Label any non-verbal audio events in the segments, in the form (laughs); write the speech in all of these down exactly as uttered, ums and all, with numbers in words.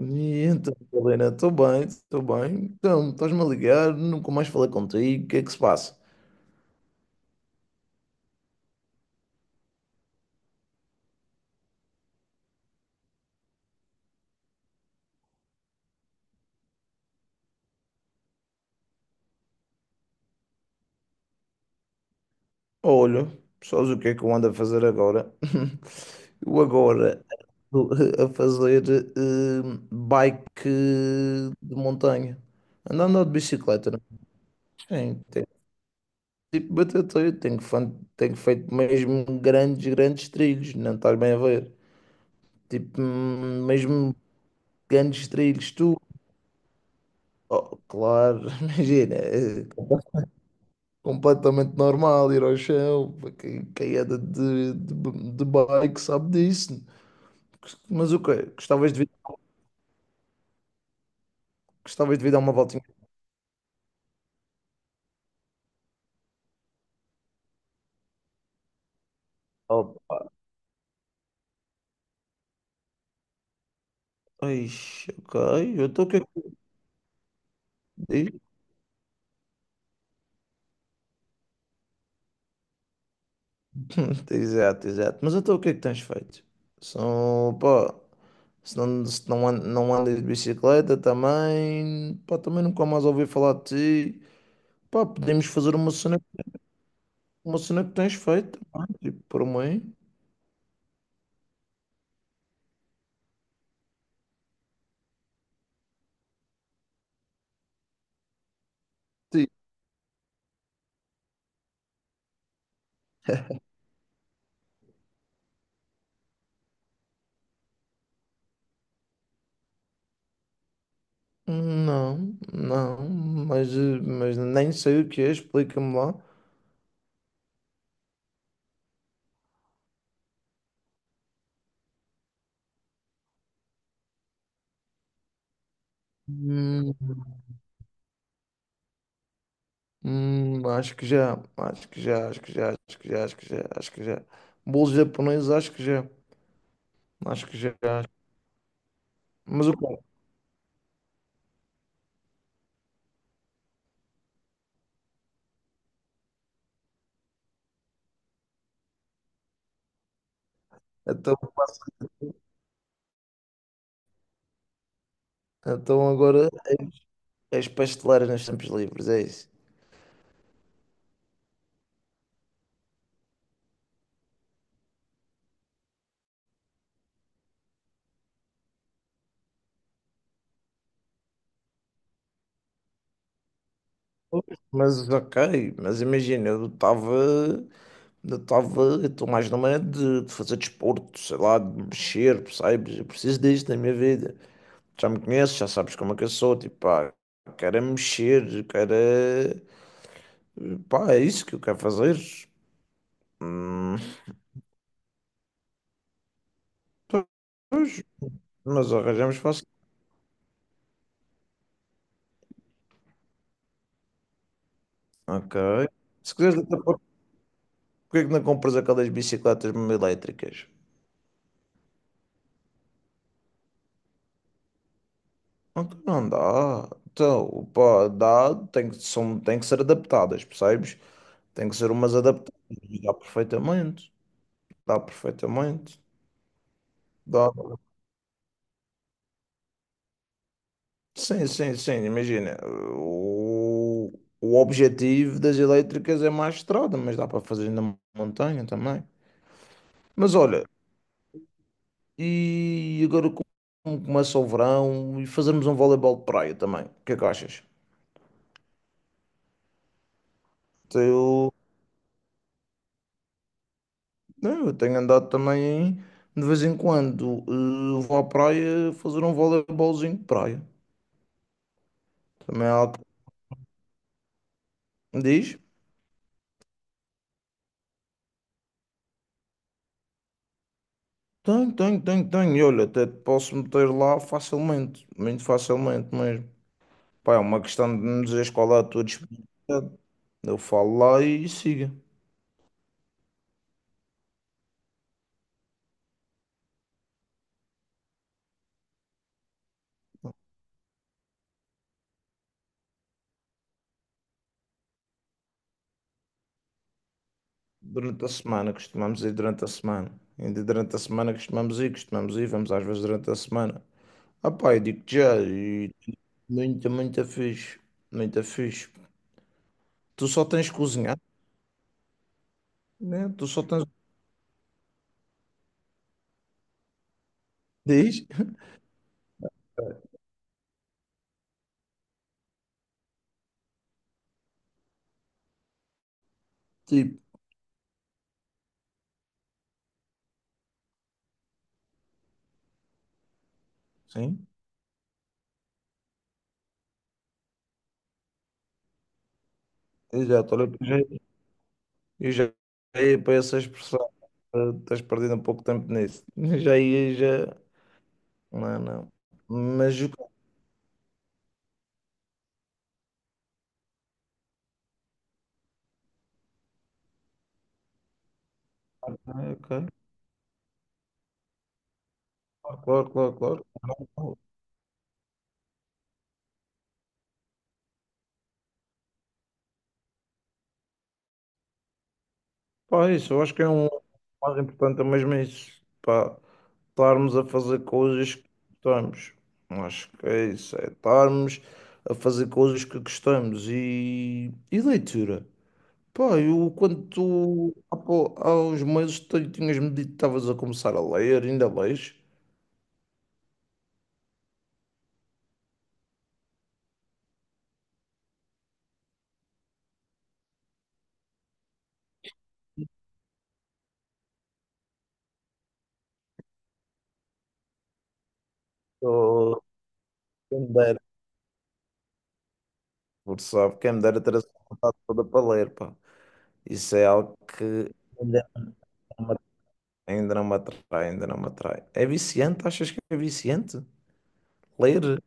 E então, Helena, estou bem, estou bem. Então, estás-me a ligar, nunca mais falei contigo, o que é que se passa? Olha, sabes o que é que eu ando a fazer agora? (laughs) Eu agora estou a fazer eh, bike de montanha. Ando a andar de bicicleta, né? Sim, tenho, tipo, bater teio, tenho, fan- tenho feito mesmo grandes, grandes trilhos, não estás bem a ver? Tipo, hum, mesmo grandes trilhos, tu. Oh, claro, (laughs) imagina. Eh, completamente normal ir ao chão. Quem, quem anda de, de, de bike sabe disso. Mas o quê? Gostavas de vir, gostavas de vir dar uma voltinha? Opa. Ixi, ok, eu estou o que é que diz? (laughs) Exato, exato. Mas então o que é que tens feito? São, pá, se não, se não, an- não andas de bicicleta também, pá, também nunca mais ouvi falar de ti. Pá, podemos fazer uma cena, uma cena que tens feito, pá, tipo, por mim. Não, não, mas, eh, mas nem sei o que é, explica-me lá. Hum, hum, acho que já, acho que já, acho que já, acho que já, acho que já, acho que já. Bolo japonês, acho que já, acho que já. Mas o quê? Então, então agora é, és pasteleira nos tempos livres, é isso. Pois. Mas ok, mas imagina, eu estava, eu estava, eu estou mais numa de, de fazer desporto, sei lá, de mexer, percebes? Eu preciso disto na minha vida. Já me conheces, já sabes como é que eu sou, tipo, pá, quero é mexer, quero é- pá, é isso que eu quero fazer. Hum, pois, mas arranjamos fácil. Ok. Se quiseres até pôr, porque é que não compras aquelas bicicletas mesmo elétricas? Ok, não dá. Então, pá, dá, tem que, são, tem que ser adaptadas, percebes? Tem que ser umas adaptadas. E dá perfeitamente. Dá perfeitamente. Dá. Sim, sim, sim, imagina. O, o objetivo das elétricas é mais estrada, mas dá para fazer na montanha também. Mas olha, e agora como começa o verão e fazermos um voleibol de praia também. O que é que achas? Eu, não, eu tenho andado também de vez em quando. Eh, vou à praia fazer um voleibolzinho de praia. Também há algo que me diz. Tenho, tenho, tenho, tenho. E olha, até te posso meter lá facilmente, muito facilmente mesmo. Pá, é uma questão de me dizeres qual é a tua disponibilidade. Eu falo lá e siga. Durante a semana, costumamos ir durante a semana. Ainda durante a semana costumamos ir, costumamos ir, vamos às vezes durante a semana. Ah pá, eu digo já, e muito, muito fixe. Muito fixe. Tu só tens que cozinhar, né? Tu só tens. Diz? (laughs) Tipo, sim. Exato, olha, eu já, eu já ia para essa expressão. Eh, Estás perdendo um pouco de tempo nisso. (laughs) Já ia, já. Não, não. Mas o ok. Claro, claro, claro. Pá, isso, eu acho que é um o mais importante é mesmo isso, pá, estarmos a fazer coisas que gostamos. Acho que é isso, é estarmos a fazer coisas que gostamos e, e leitura. Pá, eu quando tu há pou- há uns meses tu tinhas-me dito que estavas a começar a ler, ainda lês? Ou quem me dera, por sabe, quem me dera ter essa vontade toda para ler, pá. Isso é algo que ainda não me atrai, ainda não me atrai. É viciante? Achas que é viciante? Ler?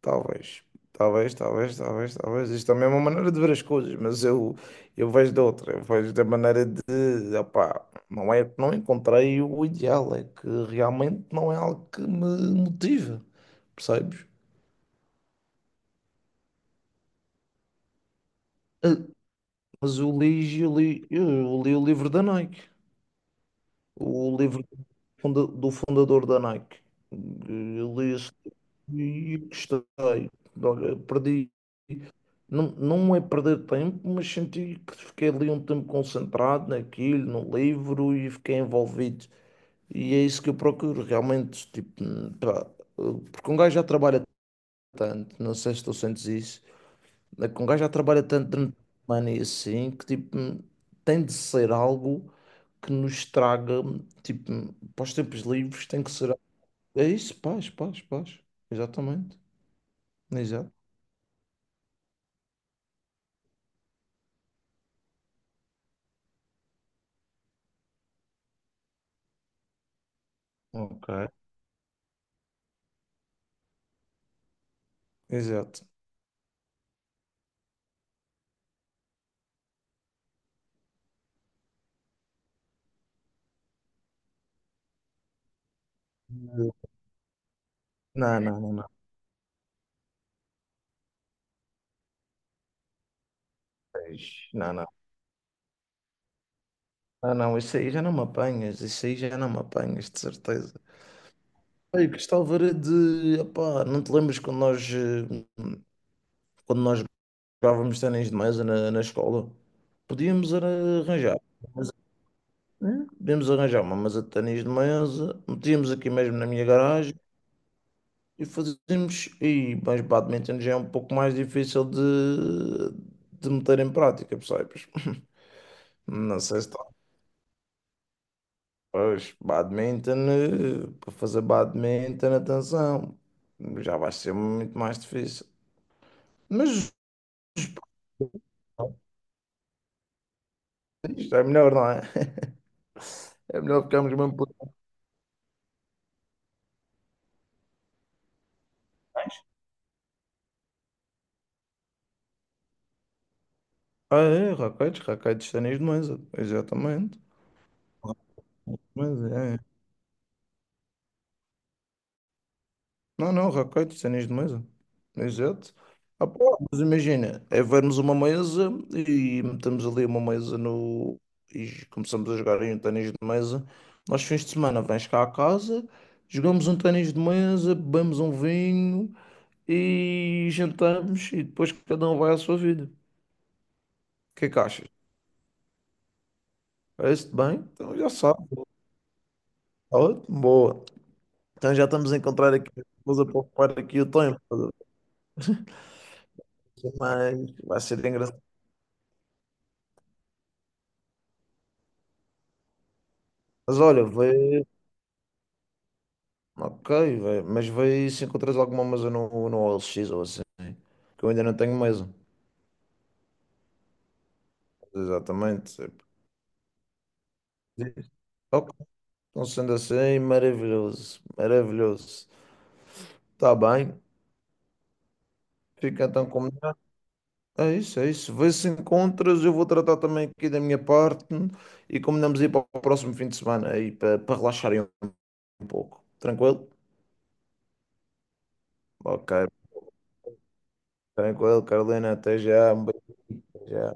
Talvez. Talvez, talvez, talvez, talvez. Isto também é uma maneira de ver as coisas, mas eu, eu vejo de outra. Eu vejo da maneira de, opá, não é, não encontrei o ideal, é que realmente não é algo que me motiva, percebes? Ah, mas eu li, eu li, eu li o livro da Nike, o livro do funda- do fundador da Nike. Eu li esse e gostei. Olha, perdi. Não, não é perder tempo, mas senti que fiquei ali um tempo concentrado naquilo, no livro e fiquei envolvido. E é isso que eu procuro realmente. Tipo, pá, porque um gajo já trabalha tanto, não sei se tu sentes isso, é que um gajo já trabalha tanto durante a semana e assim, que tipo, tem de ser algo que nos traga, tipo, para os tempos livres, tem que ser. É isso, paz, paz, paz. Exatamente. Exato. Ok. Exato. Não, não, não, não. Tens. Não, não. Não, não, isso aí já não me apanhas, isso aí já não me apanhas, de certeza. Olha, Cristal de opá, não te lembras quando nós, eh, quando nós jogávamos ténis de mesa na, na escola? Podíamos era arranjar, mas, eh, podíamos arranjar uma mesa de ténis de mesa, metíamos aqui mesmo na minha garagem e fazíamos, e, mas badminton já é um pouco mais difícil de, de meter em prática, percebes? (laughs) Não sei se. Pois, badminton, eh, para fazer badminton, atenção, já vai ser muito mais difícil. Mas isto é melhor, não é? (laughs) É melhor ficarmos mesmo por. Ah, é, raquetes, raquetes, de ténis de mesa, exatamente. Mas, é. Não, não, raquete, cenas de mesa. Exato. Ah, pô, mas imagina, é vermos uma mesa e metemos ali uma mesa no. E começamos a jogar aí um ténis de mesa. Nós, fins de semana, vens cá à casa, jogamos um ténis de mesa, bebemos um vinho e jantamos e depois cada um vai à sua vida. O que é que achas? Parece-te bem? Então já sabe. Tá ótimo, boa. Então já estamos a encontrar aqui coisa para ocupar aqui o tempo. Mas vai ser engraçado. Mas olha, ok, vai- mas vê se encontras alguma mesa no, no O L X ou assim, que eu ainda não tenho mesa. Exatamente. Tipo, ok, então sendo assim, maravilhoso, maravilhoso. Está bem, fica então combinado. É isso, é isso. Vê se encontras, eu vou tratar também aqui da minha parte e combinamos ir para o próximo fim de semana aí para, para relaxarem um pouco. Tranquilo? Ok, tranquilo, Carolina, até já, um beijo. Já.